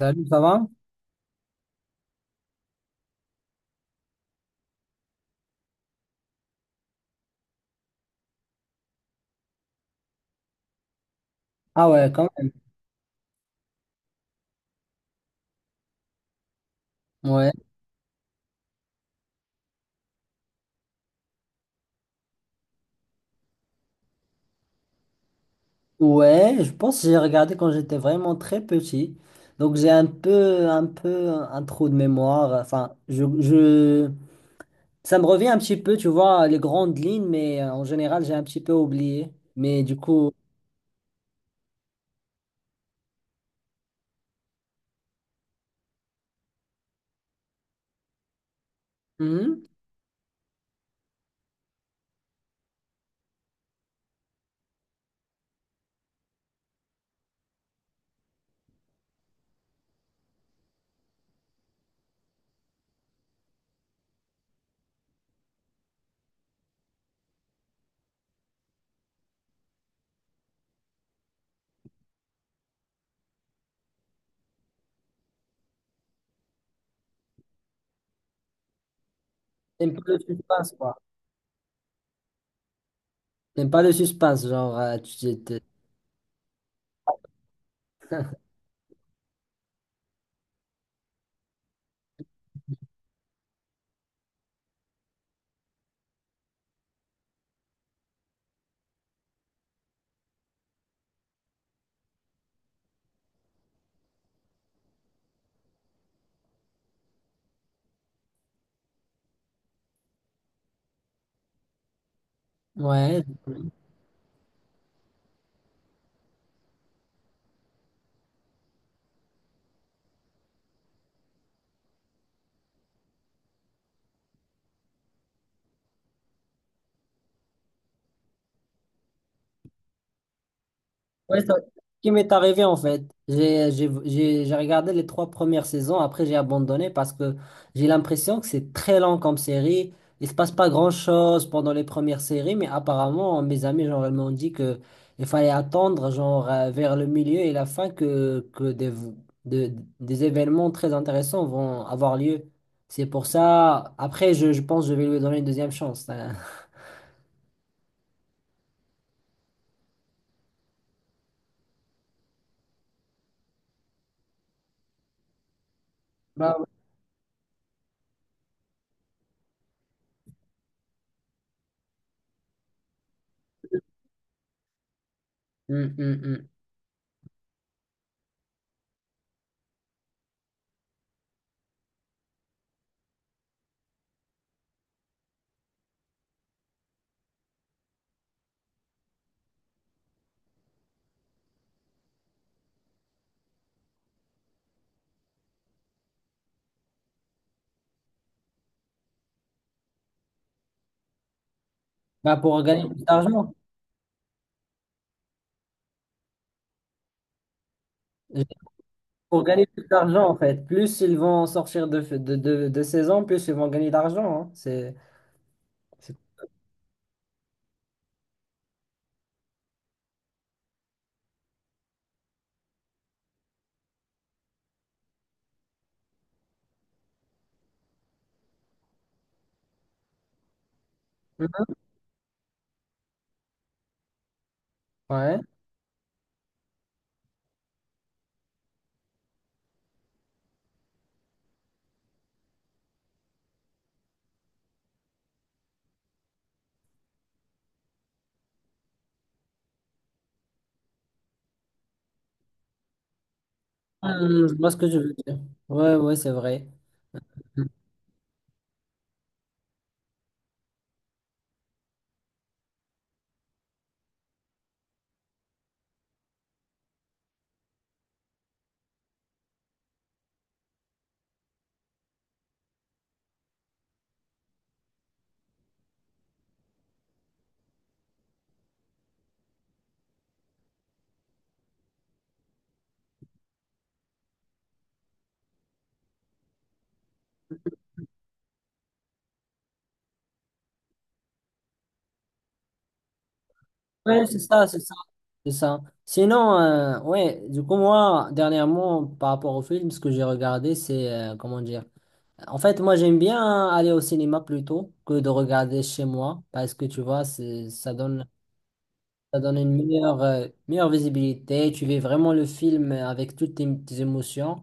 Salut, ça va? Ah ouais, quand même. Ouais. Ouais, je pense que j'ai regardé quand j'étais vraiment très petit. Donc j'ai un peu, un peu un trou de mémoire. Enfin, je... Ça me revient un petit peu, tu vois, les grandes lignes, mais en général, j'ai un petit peu oublié. Mais du coup, hum, t'aimes pas le suspense, quoi. T'aimes pas le suspense, genre, Ouais. Ouais, ça- ce qui m'est arrivé en fait. J'ai regardé les trois premières saisons, après j'ai abandonné parce que j'ai l'impression que c'est très lent comme série. Il se passe pas grand-chose pendant les premières séries, mais apparemment mes amis genre ils m'ont dit que il fallait attendre genre vers le milieu et la fin que, que de- des événements très intéressants vont avoir lieu. C'est pour ça, après je pense que je vais lui donner une deuxième chance, hein. Bah, ouais. Hum, hum, hum. Bah, pour gagner plus d'argent. Pour gagner plus d'argent, en fait. Plus ils vont sortir de saison, plus ils vont gagner d'argent, hein. C'est- Mhm. Ouais. Je vois ce que je veux dire. Ouais, ouais, c'est vrai. Ouais, c'est ça. Sinon, ouais, du coup, moi, dernièrement, par rapport au film, ce que j'ai regardé, c'est, comment dire, en fait, moi, j'aime bien aller au cinéma plutôt que de regarder chez moi, parce que, tu vois, ça donne... Ça donne une meilleure, meilleure visibilité. Tu vis vraiment le film avec toutes tes, tes émotions.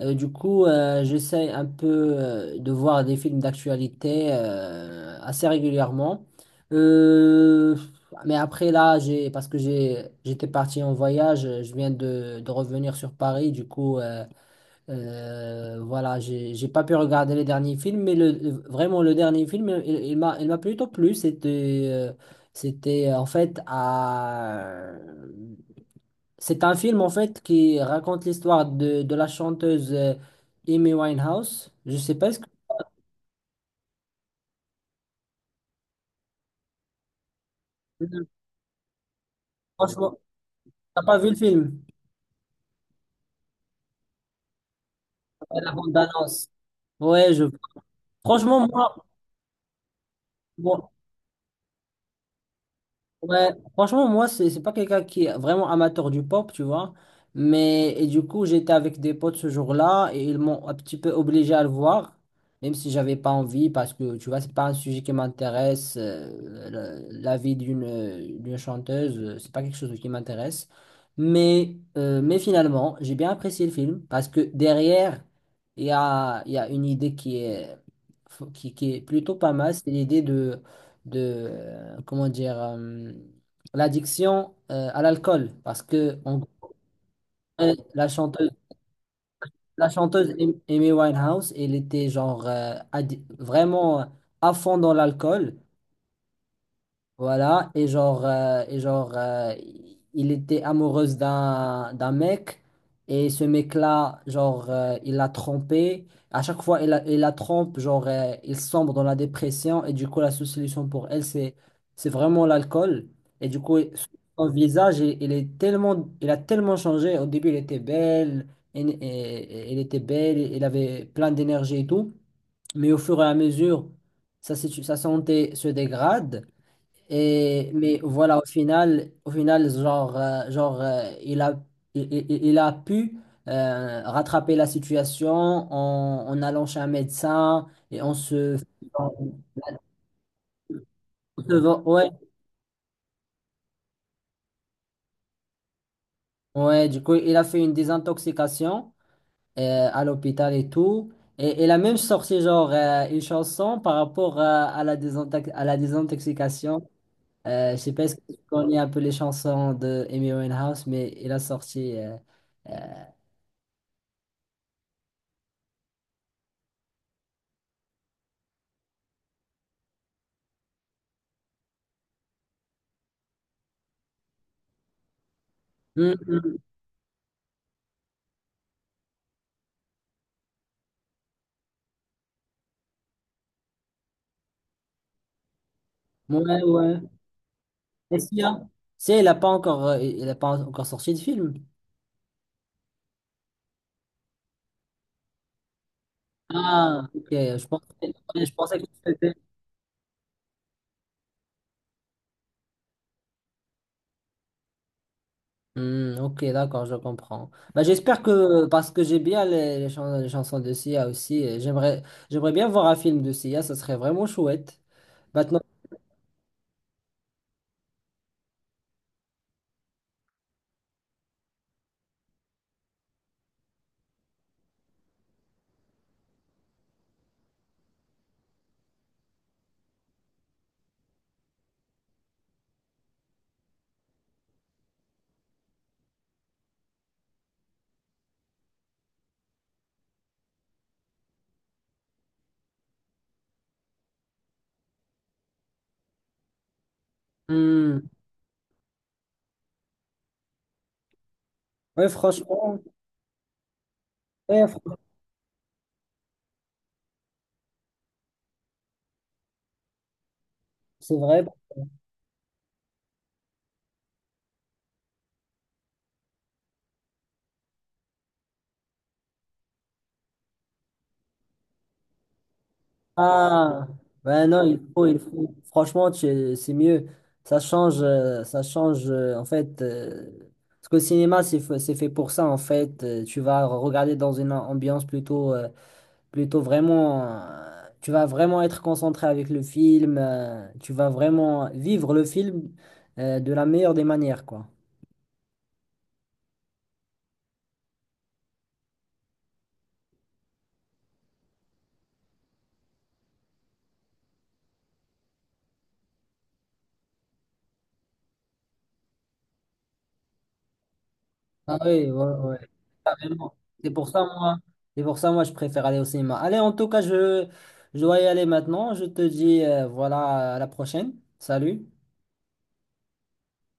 J'essaie un peu de voir des films d'actualité assez régulièrement. Euh, mais après, là, parce que j'ai, j'étais parti en voyage, je viens de revenir sur Paris. Du coup, voilà, j'ai pas pu regarder les derniers films, mais vraiment le dernier film, il m'a plutôt plu. C'était c'était en fait à c'est un film en fait qui raconte l'histoire de la chanteuse Amy Winehouse. Je sais pas ce que... Franchement, t'as pas vu le film? La bande-annonce. Ouais, je franchement moi, Ouais, franchement, moi, c'est pas quelqu'un qui est vraiment amateur du pop, tu vois. Mais et du coup, j'étais avec des potes ce jour-là et ils m'ont un petit peu obligé à le voir, même si j'avais pas envie, parce que tu vois, c'est pas un sujet qui m'intéresse. La, la vie d'une d'une chanteuse, c'est pas quelque chose qui m'intéresse. Mais finalement, j'ai bien apprécié le film parce que derrière, il y a une idée qui est plutôt pas mal, c'est l'idée de comment dire l'addiction à l'alcool parce que en gros, la chanteuse, la chanteuse Amy Winehouse elle était vraiment à fond dans l'alcool. Voilà, et genre, il était amoureuse d'un d'un mec, et ce mec-là, il l'a trompée. À chaque fois, il la trompe, il sombre dans la dépression, et du coup, la seule solution pour elle, c'est vraiment l'alcool. Et du coup, son visage, il est tellement, il a tellement changé. Au début, il était belle, et, il était belle, il avait plein d'énergie et tout, mais au fur et à mesure, sa santé se dégrade. Et, mais voilà, au final genre, genre il a, il, il a pu rattraper la situation en, en allant chez un médecin et en se... En se- Ouais, ouais, du coup, il a fait une désintoxication à l'hôpital et tout. Et il a même sorti une chanson par rapport à la désintoxication. Je sais pas si tu connais un peu les chansons de Amy Winehouse, mais il a sorti... euh, mm, mm. Ouais, ouais. Est-ce qu'il y Il a pas encore, il a pas encore sorti de film. Ah, ok. Je pensais que c'était... Hmm, ok, d'accord, je comprends. Bah, j'espère que, parce que j'ai bien les chansons de Sia aussi, j'aimerais bien voir un film de Sia, ça serait vraiment chouette. Maintenant, hmm, ouais, franchement, ouais, fr- c'est vrai. Ah, ben non, il faut, il faut. Franchement, tu- c'est mieux. Ça change, en fait. Parce que le cinéma, c'est c'est fait pour ça, en fait. Tu vas regarder dans une ambiance plutôt, plutôt vraiment. Tu vas vraiment être concentré avec le film. Tu vas vraiment vivre le film, de la meilleure des manières, quoi. Ah oui, ouais, ouais. Carrément. C'est pour ça, moi, c'est pour ça, moi, je préfère aller au cinéma. Allez, en tout cas, je dois y aller maintenant. Je te dis, voilà, à la prochaine. Salut.